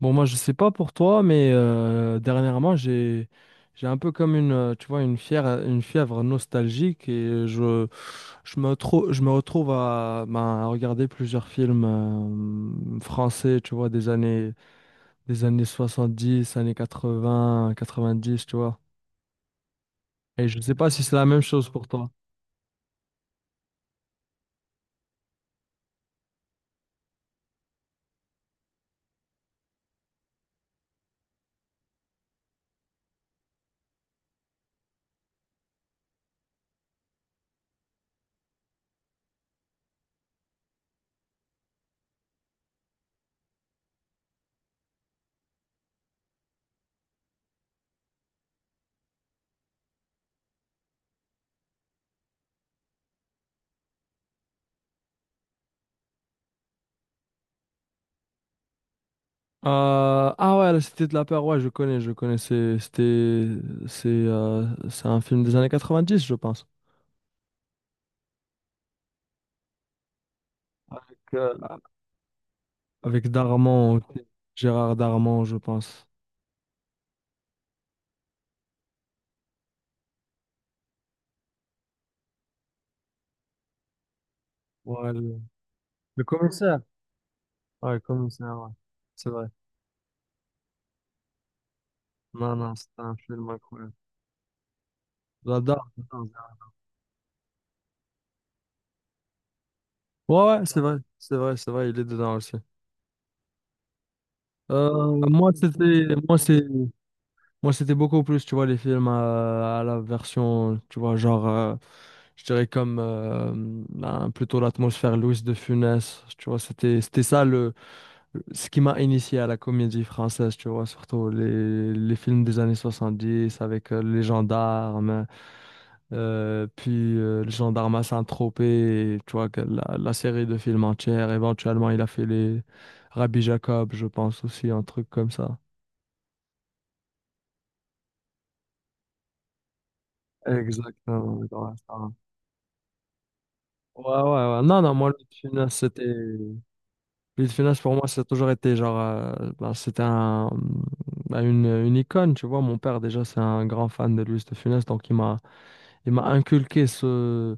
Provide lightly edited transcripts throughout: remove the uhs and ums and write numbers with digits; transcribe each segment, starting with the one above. Bon, moi, je sais pas pour toi, mais dernièrement, j'ai un peu comme une fièvre, une fièvre nostalgique et je me retrouve à, ben, à regarder plusieurs films français, tu vois, des années 70 années quatre-vingts quatre-vingt-dix tu vois. Et je sais pas si c'est la même chose pour toi. Ah ouais, la Cité de la Peur, ouais, je connais, je connais, c'est un film des années 90 je pense. Avec Darman, aussi. Gérard Darman, je pense. Ouais, le commissaire. Ouais, le commissaire, ouais. C'est vrai. Non, non, c'est un film incroyable. J'adore, j'adore, j'adore. Ouais, ouais, c'est vrai. C'est vrai, c'est vrai, il est dedans aussi. Euh, moi, c'était, moi, c'est, moi, c'était beaucoup plus, tu vois, les films à la version, tu vois, genre, je dirais comme ben, plutôt l'atmosphère Louis de Funès. Tu vois, c'était ça le, ce qui m'a initié à la comédie française, tu vois, surtout les films des années 70 avec les gendarmes, puis les gendarmes à Saint-Tropez, et tu vois, que la série de films entière. Éventuellement, il a fait les Rabbi Jacob, je pense aussi, un truc comme ça. Exactement. Ouais, ouais, ouais. Non, non, moi, le film, c'était. Louis de Funès, pour moi, ça a toujours été genre, c'était une une icône, tu vois. Mon père, déjà, c'est un grand fan de Louis de Funès, donc il m'a inculqué ce,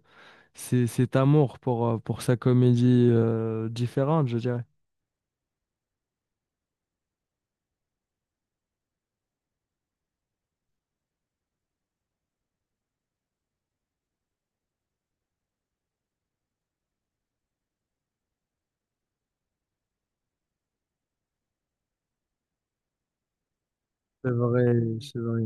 ces- cet amour pour sa comédie différente, je dirais. C'est vrai, c'est vrai,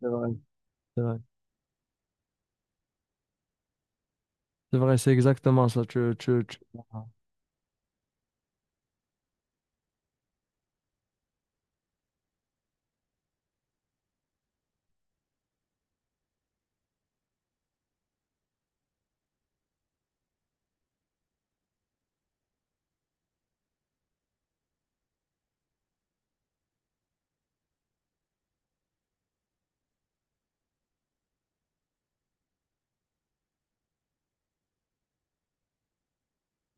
c'est vrai, c'est vrai. C'est vrai, c'est exactement ça.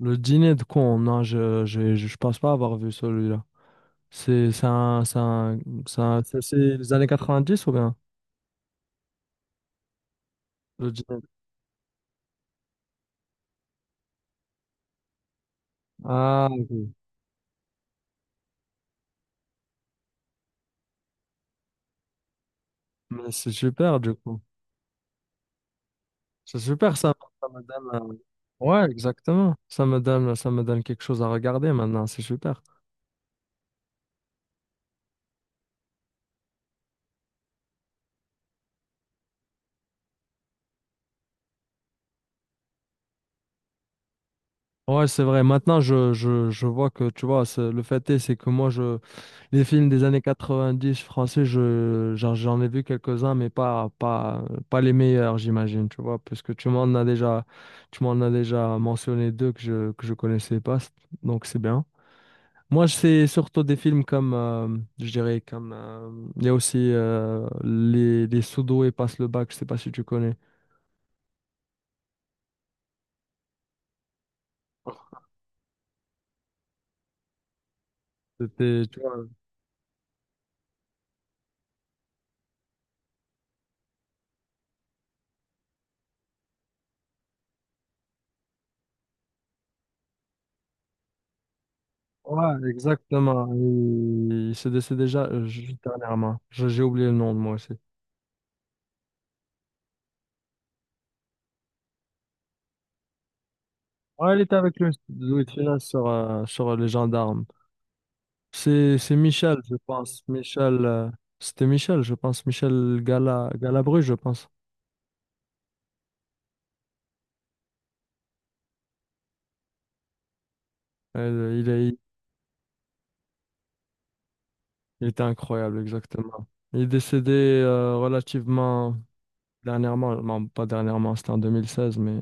Le dîner de con, non, je je pense pas avoir vu celui-là. C'est un, c'est un- c'est un- c'est les années 90 ou bien? Le dîner. Ah, ok. Mais c'est super, du coup. C'est super, ça. Ça me donne, euh, Ouais, exactement. Ça me donne quelque chose à regarder maintenant. C'est super. Ouais, c'est vrai. Maintenant, je vois que, tu vois, c'est- le fait est, c'est que moi, je, les films des années 90 français, je, j'en ai vu quelques-uns, mais pas les meilleurs, j'imagine, tu vois, puisque tu m'en as déjà mentionné deux que je connaissais pas. Donc, c'est bien. Moi, je sais surtout des films comme, je dirais, comme, il y a aussi les Sodo et Passe le bac, je sais pas si tu connais. C'était, tu vois, ouais, exactement. Il s'est décédé déjà juste dernièrement. Je- J'ai oublié le nom de moi aussi. Ouais, il était avec lui, Louis de Funès sur, sur les gendarmes. C'est Michel, je pense. C'était Michel, je pense. Michel Gala, Galabru, je pense. Euh, il est, il était incroyable, exactement. Il est décédé relativement. Dernièrement, non, pas dernièrement, c'était en 2016, mais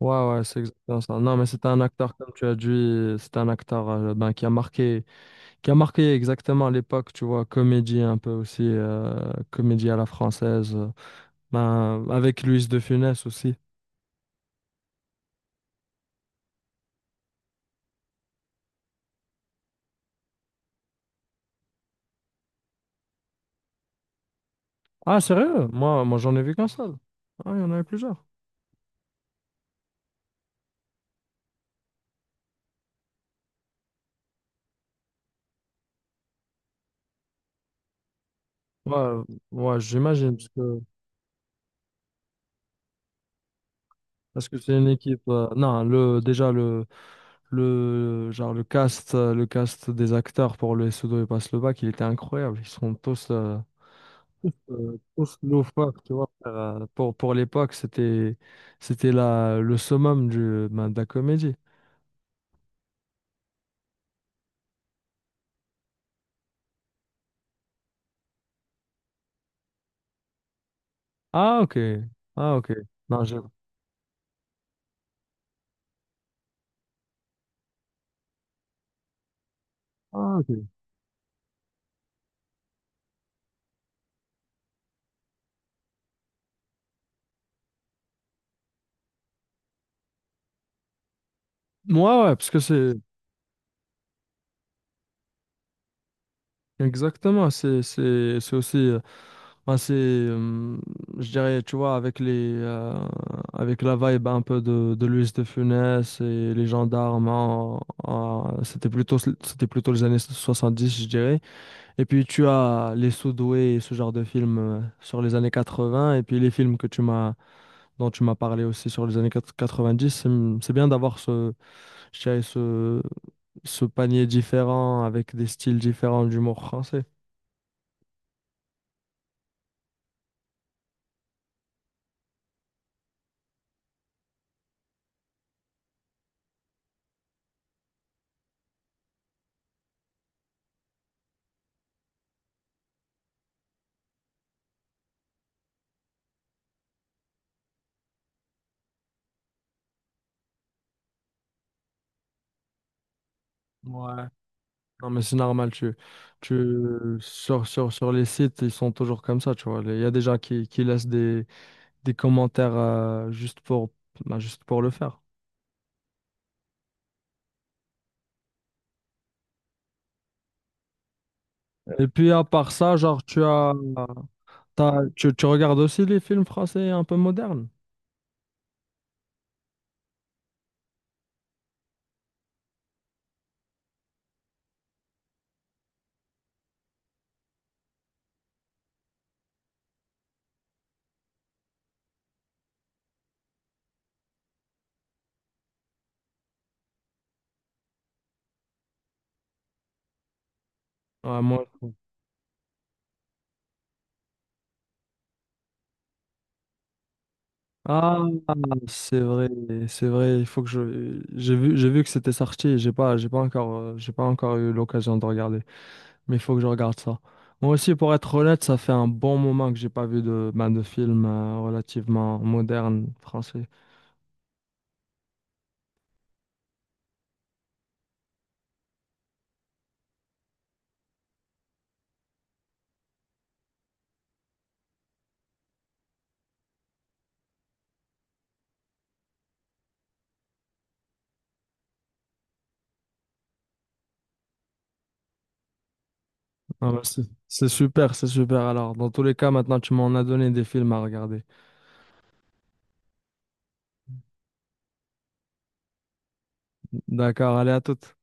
ouais, ouais, c'est exactement ça. Non, mais c'était un acteur, comme tu as dit, c'était un acteur ben, qui a marqué exactement l'époque, tu vois, comédie un peu aussi, comédie à la française, ben, avec Luis de Funès aussi. Ah, sérieux? Moi, moi j'en ai vu qu'un seul. Ah, il y en avait plusieurs. Ouais, ouais, j'imagine. Parce que c'est une équipe. Non, le, déjà, le, genre, le cast des acteurs pour le Sudo et passe le bac, il était incroyable. Ils sont tous loufoques, tu vois. Pour l'époque, c'était, c'était la, le summum du, ben, de la comédie. Ah, ok. Ah, ok. Non, j'ai- Ah, ok. Moi, ouais, parce que c'est. Exactement, c'est aussi ben, c'est je dirais tu vois avec les avec la vibe un peu de Luis de Funès et les gendarmes c'était plutôt les années 70 je dirais et puis tu as les Sudoués et ce genre de films sur les années 80 et puis les films que tu m'as dont tu m'as parlé aussi sur les années 90 c'est bien d'avoir ce je dirais ce ce panier différent avec des styles différents d'humour français. Ouais. Non, mais c'est normal, tu, sur les sites, ils sont toujours comme ça, tu vois. Il y a des gens qui laissent des commentaires juste pour, bah, juste pour le faire. Et puis, à part ça, genre, tu as, t'as- tu regardes aussi les films français un peu modernes? Ouais, moi. Ah, c'est vrai, c'est vrai. Il faut que je, j'ai vu que c'était sorti. Et j'ai pas encore eu l'occasion de regarder. Mais il faut que je regarde ça. Moi aussi, pour être honnête, ça fait un bon moment que j'ai pas vu de film relativement moderne français. Ah bah, c'est super, c'est super. Alors, dans tous les cas, maintenant, tu m'en as donné des films à regarder. D'accord, allez à toutes.